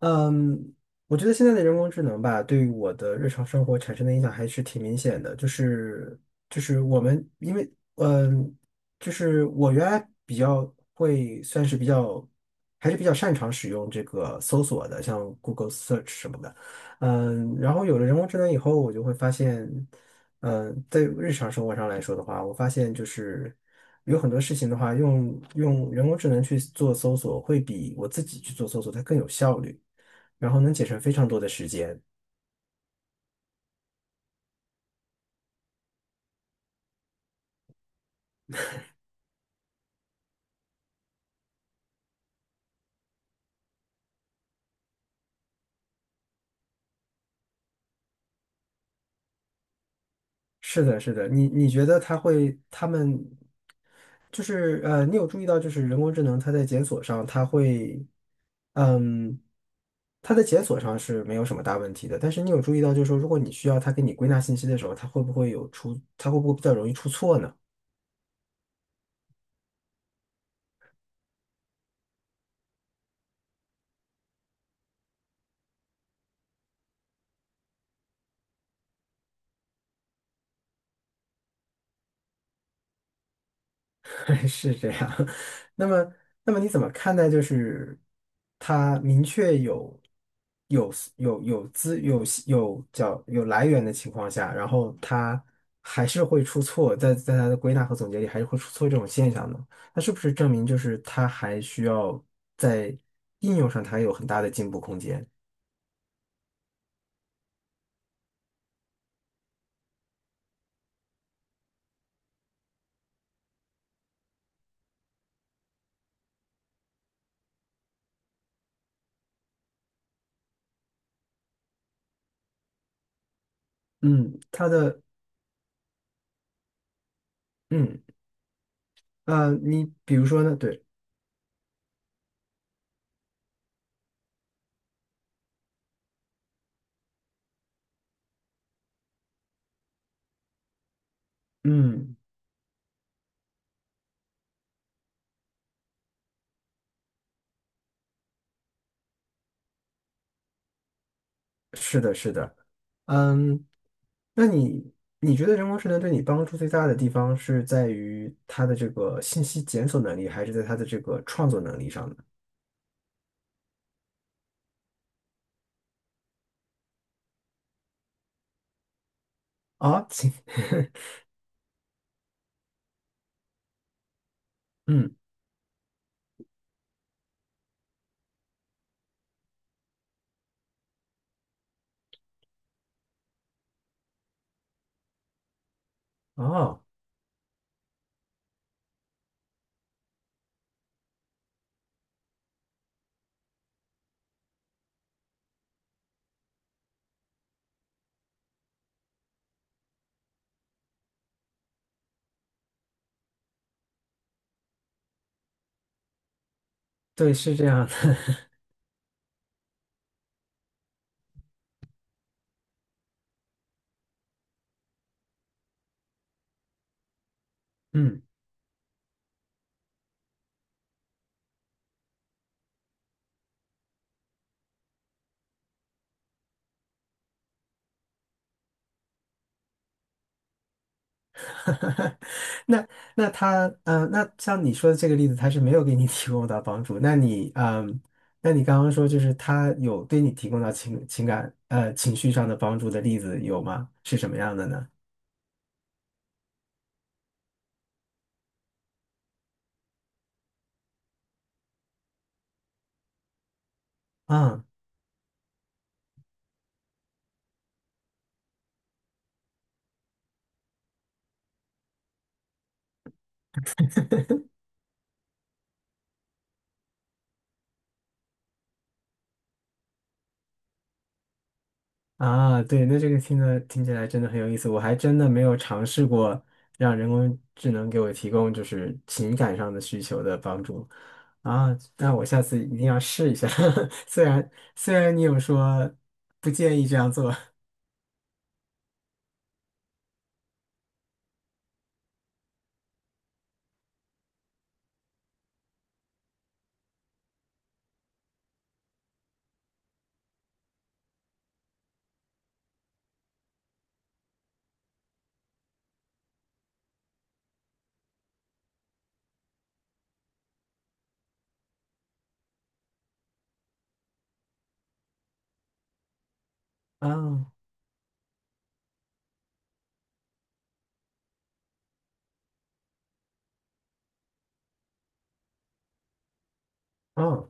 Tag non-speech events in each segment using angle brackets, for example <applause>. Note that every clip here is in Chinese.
嗯，我觉得现在的人工智能吧，对于我的日常生活产生的影响还是挺明显的。就是就是我们因为嗯，就是我原来比较会算是比较还是比较擅长使用这个搜索的，像 Google Search 什么的。嗯，然后有了人工智能以后，我就会发现，在日常生活上来说的话，我发现就是有很多事情的话，用人工智能去做搜索，会比我自己去做搜索它更有效率。然后能节省非常多的时间。是的，是的，你觉得它会，他们你有注意到就是人工智能它在检索上，它会，嗯，它在检索上是没有什么大问题的，但是你有注意到就是说，如果你需要它给你归纳信息的时候，它会不会比较容易出错呢？<laughs> 是这样。<laughs> 那么，那么你怎么看待就是它明确有有有有资有有叫有来源的情况下，然后它还是会出错，在它的归纳和总结里还是会出错这种现象呢？那是不是证明就是它还需要在应用上它有很大的进步空间？嗯，它的嗯你比如说呢？对，嗯。嗯，那你你觉得人工智能对你帮助最大的地方是在于它的这个信息检索能力，还是在它的这个创作能力上呢？啊、请 <laughs> 嗯，哦，对，是这样的，<laughs> 嗯，<laughs> 那那他，嗯、呃，那像你说的这个例子，他是没有给你提供到帮助。那你刚刚说就是他有对你提供到情绪上的帮助的例子有吗？是什么样的呢？嗯。啊，对，那这个听起来真的很有意思，我还真的没有尝试过让人工智能给我提供就是情感上的需求的帮助啊，那我下次一定要试一下。<laughs> 虽然虽然你有说不建议这样做啊，哦，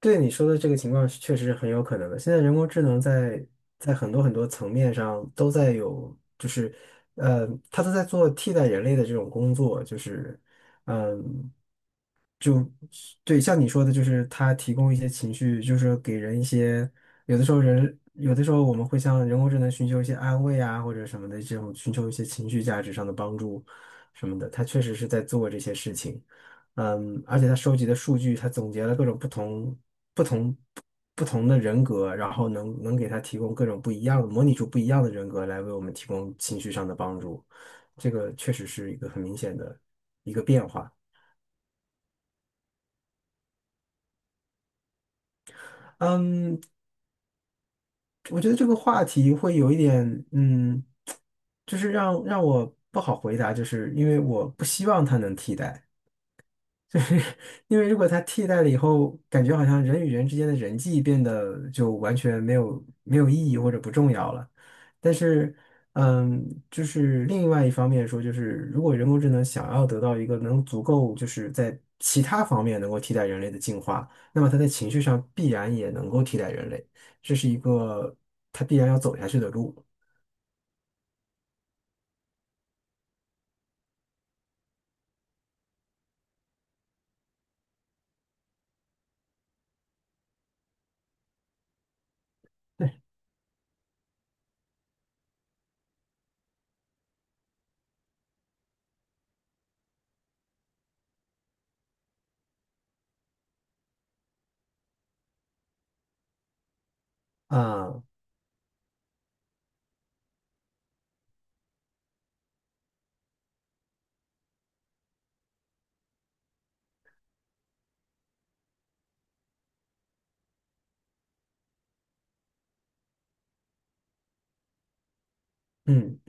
对你说的这个情况是确实是很有可能的。现在人工智能在在很多很多层面上都在有，就是呃，它都在做替代人类的这种工作，就是。嗯，对，像你说的，就是它提供一些情绪，就是说给人一些，有的时候人，有的时候我们会向人工智能寻求一些安慰啊，或者什么的这种，寻求一些情绪价值上的帮助什么的。它确实是在做这些事情，嗯，而且它收集的数据，它总结了各种不同、不同的人格，然后能给它提供各种不一样的，模拟出不一样的人格来为我们提供情绪上的帮助。这个确实是一个很明显的一个变化。嗯，我觉得这个话题会有一点，就是让我不好回答，就是因为我不希望它能替代。因为如果它替代了以后，感觉好像人与人之间的人际变得就完全没有意义或者不重要了。但是，嗯，就是另外一方面说，就是如果人工智能想要得到一个能足够就是在其他方面能够替代人类的进化，那么它在情绪上必然也能够替代人类，这是一个它必然要走下去的路。对啊，嗯，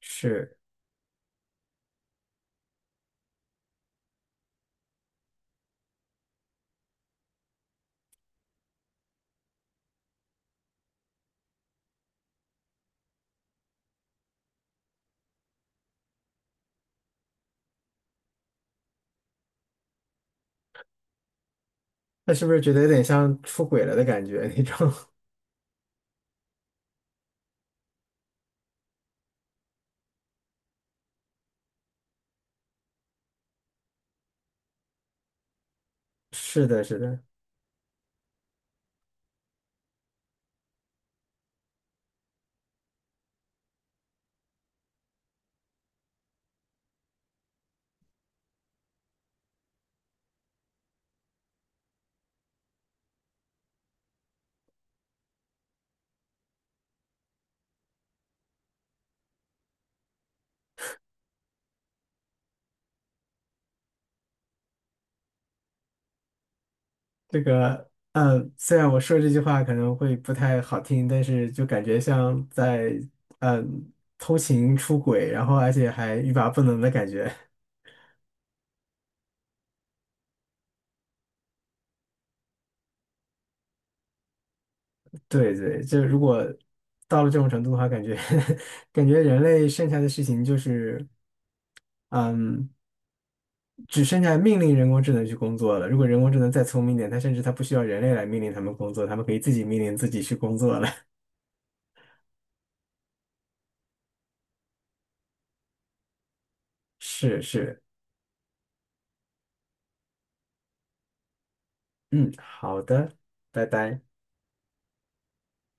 是，那是不是觉得有点像出轨了的感觉 <laughs> 那种？<laughs> 是的，是的。这个，嗯，虽然我说这句话可能会不太好听，但是就感觉像在，嗯，偷情出轨，然后而且还欲罢不能的感觉。<laughs> 对对，就如果到了这种程度的话，感觉 <laughs> 感觉人类剩下的事情就是，嗯，只剩下命令人工智能去工作了。如果人工智能再聪明一点，它甚至它不需要人类来命令他们工作，他们可以自己命令自己去工作了。<laughs> 是是，嗯，好的，拜拜。